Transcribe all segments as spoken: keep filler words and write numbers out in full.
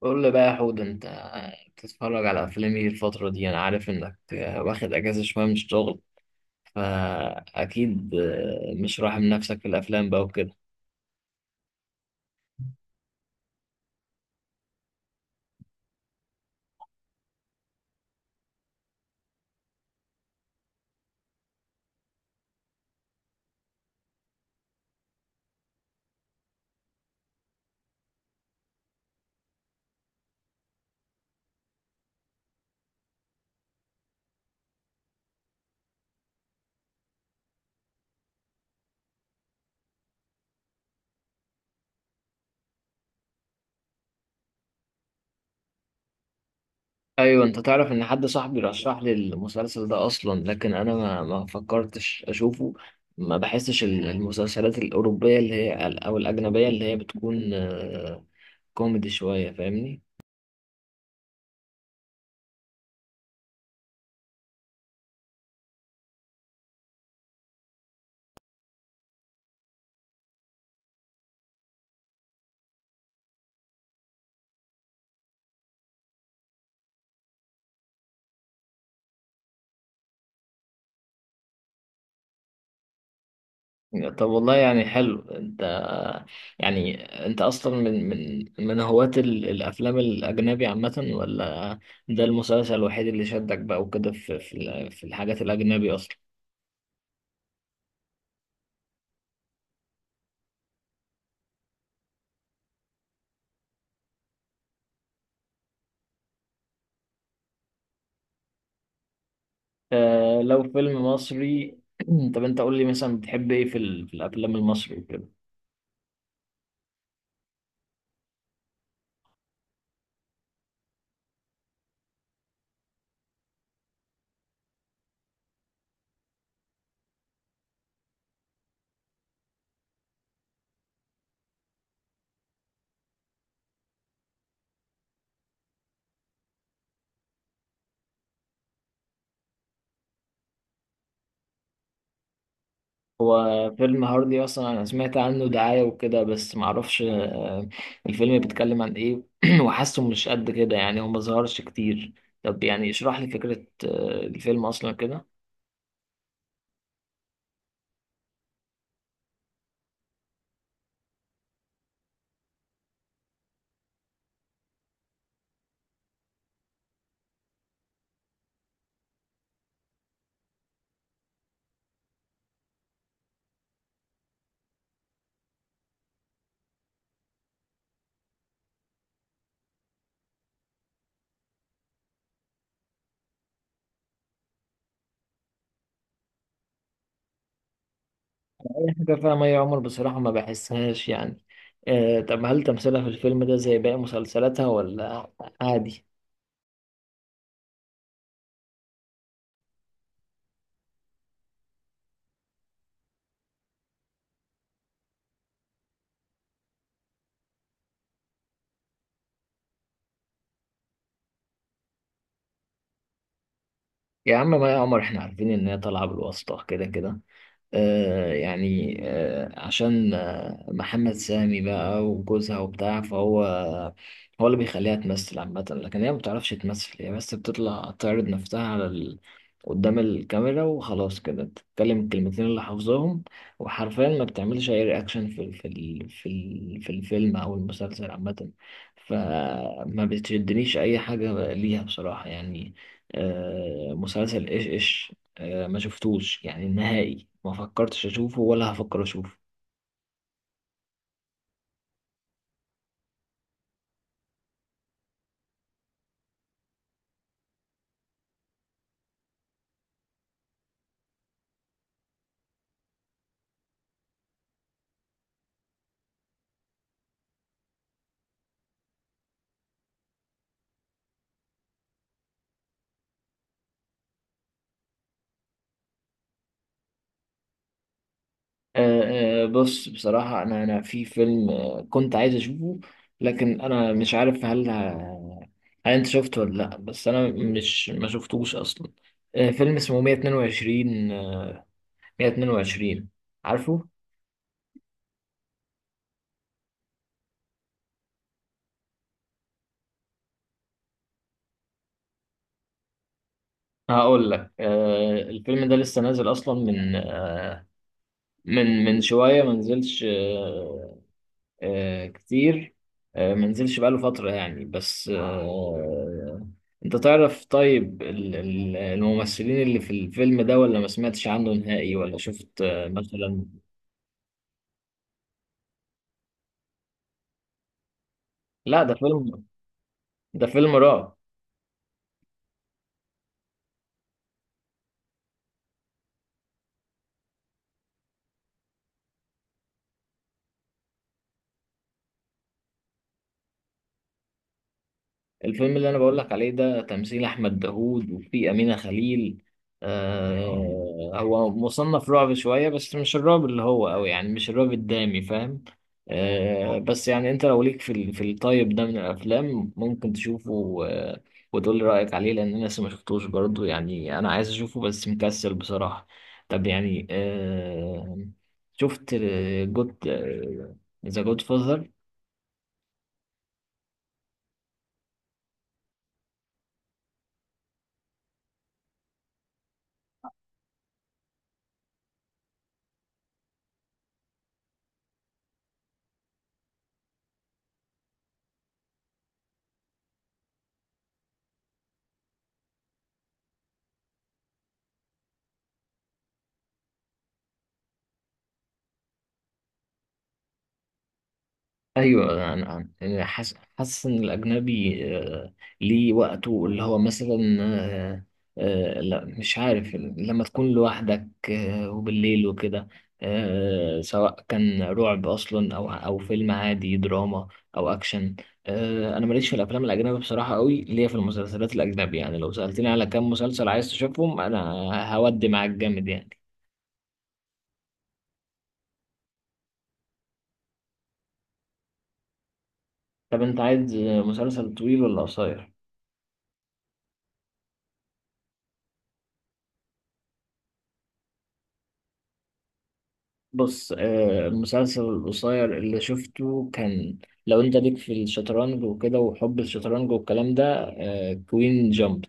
قول لي بقى يا حود انت بتتفرج على افلام ايه الفترة دي؟ انا عارف انك واخد اجازة شوية من الشغل، فاكيد مش راحم نفسك في الافلام بقى وكده. ايوه، انت تعرف ان حد صاحبي رشح لي المسلسل ده اصلا، لكن انا ما ما فكرتش اشوفه. ما بحسش ال- المسلسلات الاوروبية اللي هي او الاجنبية اللي هي بتكون آه، كوميدي شوية، فاهمني؟ طب والله يعني حلو. انت يعني انت اصلا من من من هواة ال- الافلام الاجنبي عامة، ولا ده المسلسل الوحيد اللي شدك بقى وكده في في ال- في الحاجات الاجنبي اصلا؟ آه، لو فيلم مصري طب انت قول لي مثلا، بتحب ايه في ال- في الافلام المصري وكده؟ هو فيلم هاردي اصلا انا سمعت عنه دعاية وكده، بس معرفش آه الفيلم بيتكلم عن ايه وحاسه مش قد كده يعني، هو مظهرش كتير. طب يعني اشرح لي فكرة آه الفيلم اصلا كده. دي حاجة فيها مي عمر، بصراحة ما بحسهاش يعني. آه، طب هل تمثيلها في الفيلم ده زي باقي مسلسلاتها، ولا عادي؟ يا عم مي عمر احنا عارفين ان هي طالعة بالواسطة كده كده. آه يعني آه عشان آه محمد سامي بقى وجوزها وبتاع، فهو هو اللي بيخليها تمثل عامة، لكن هي ما بتعرفش تمثل، هي بس بتطلع تعرض نفسها على قدام الكاميرا وخلاص كده، تتكلم الكلمتين اللي حافظاهم، وحرفيا ما بتعملش اي رياكشن في ال- في ال- في ال- في الفيلم او المسلسل عامة. فما بتشدنيش اي حاجة ليها بصراحة يعني. آه، مسلسل ايش ايش، آه، ما شفتوش يعني نهائي، ما فكرتش اشوفه ولا هفكر اشوفه. آه، آه، بص، بصراحة أنا أنا في فيلم آه، كنت عايز أشوفه، لكن أنا مش عارف هل ه- هل أنت شفته ولا لأ، بس أنا مش ما شفتوش أصلا. آه، فيلم اسمه مية واتنين وعشرين، آه، مية واتنين وعشرين. عارفه؟ هقول لك، آه، الفيلم ده لسه نازل أصلا من آه، من من شوية، ما نزلش آه، آه، كتير، آه، ما نزلش بقاله فترة يعني، بس آه، انت تعرف طيب ال- ال- الممثلين اللي في الفيلم ده، ولا ما سمعتش عنه نهائي ولا شفت آه، مثلا؟ لا، ده فيلم ده فيلم رعب. الفيلم اللي انا بقول لك عليه ده تمثيل احمد داوود، وفي امينه خليل. آه، هو مصنف رعب شويه بس مش الرعب اللي هو قوي يعني، مش الرعب الدامي فاهم. آه، بس يعني انت لو ليك في ال- في الطيب ده من الافلام، ممكن تشوفه آه، وتقول لي رايك عليه، لان انا لسه ما شفتوش برضه يعني، انا عايز اشوفه بس مكسل بصراحه. طب يعني آه شفت جود، ذا جود فازر؟ ايوه. انا أنا- يعني حاسس حاسس ان الاجنبي آه، ليه وقته، اللي هو مثلا آه، آه، لا مش عارف، لما تكون لوحدك آه، وبالليل وكده، آه، سواء كان رعب اصلا او او فيلم عادي، دراما او اكشن. آه، انا ماليش في الافلام الاجنبي بصراحه، قوي ليا في المسلسلات الاجنبي يعني، لو سالتني على كام مسلسل عايز تشوفهم، انا هودي معاك جامد يعني. طب انت عايز مسلسل طويل ولا قصير؟ بص، آه، المسلسل القصير اللي شفته كان، لو انت ليك في الشطرنج وكده وحب الشطرنج والكلام ده، آه، كوين جامب.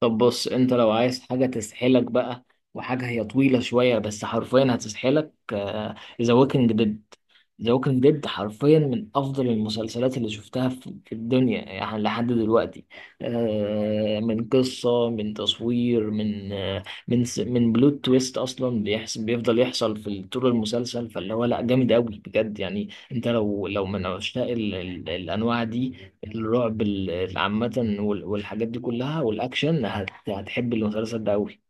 طب بص، انت لو عايز حاجة تسحلك بقى، وحاجة هي طويلة شوية بس حرفيا هتسحلك، ذا ووكينج ديد. ذا ووكينج ديد حرفيا من افضل المسلسلات اللي شفتها في في الدنيا يعني لحد دلوقتي. آه، من قصه، من تصوير، من آه، من س- من بلوت تويست اصلا بيحصل، بيفضل يحصل في ال- طول المسلسل، فاللي هو لا جامد قوي بجد يعني. انت لو لو من عشاق ال- ال- الانواع دي، الرعب ال- عامه وال- والحاجات دي كلها والاكشن، هت- هتحب المسلسل ده قوي.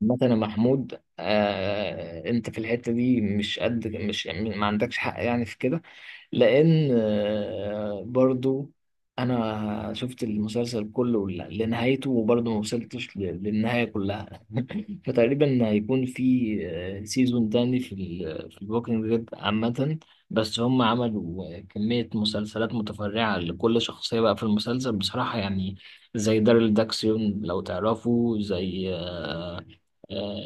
مثلا محمود، آه انت في الحتة دي مش قد، مش يعني ما عندكش حق يعني في كده، لان آه، برضو انا شفت المسلسل كله ل- لنهايته وبرضو ما وصلتش ل- للنهاية كلها فتقريبا هيكون في سيزون تاني في ال في الووكينج ديد عامة، بس هم عملوا كمية مسلسلات متفرعة لكل شخصية بقى في المسلسل بصراحة يعني، زي داريل داكسيون لو تعرفوا، زي آه، آه،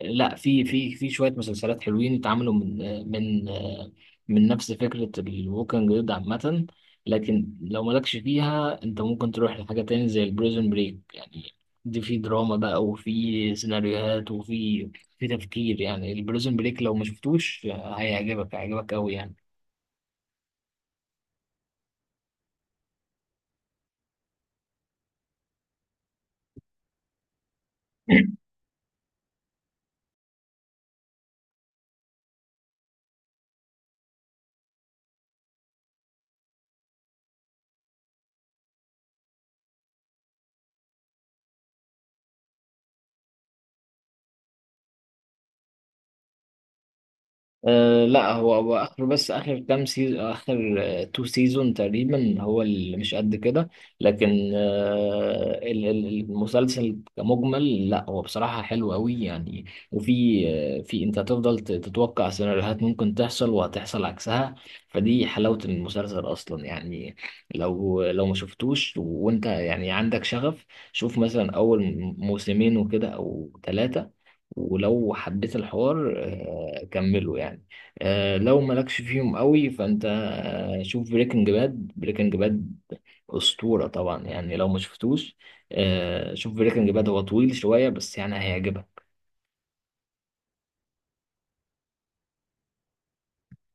لا، في في في شوية مسلسلات حلوين اتعملوا من آه، من آه، من نفس فكرة الووكينج ديد عامة. لكن لو مالكش فيها، انت ممكن تروح لحاجة تاني زي البريزون بريك يعني. دي في دراما بقى، وفي سيناريوهات، وفي في تفكير يعني. البريزون بريك لو ما شفتوش هيعجبك، هيعجبك قوي يعني. أه لا، هو هو اخر بس اخر كام سيزون، اخر تو سيزون تقريبا، هو اللي مش قد كده، لكن أه ال- ال- المسلسل كمجمل لا، هو بصراحة حلو قوي يعني. وفي آه، في انت هتفضل ت- تتوقع سيناريوهات ممكن تحصل، وهتحصل عكسها. فدي حلاوة المسلسل اصلا يعني. لو لو ما شفتوش وانت يعني عندك شغف، شوف مثلا اول موسمين وكده او ثلاثة، ولو حبيت الحوار آه، كمله يعني. آه، لو مالكش فيهم قوي، فانت آه، شوف بريكنج باد. بريكنج باد أسطورة طبعا يعني، لو ما شفتوش آه، شوف بريكنج باد. هو طويل شوية بس يعني هيعجبك.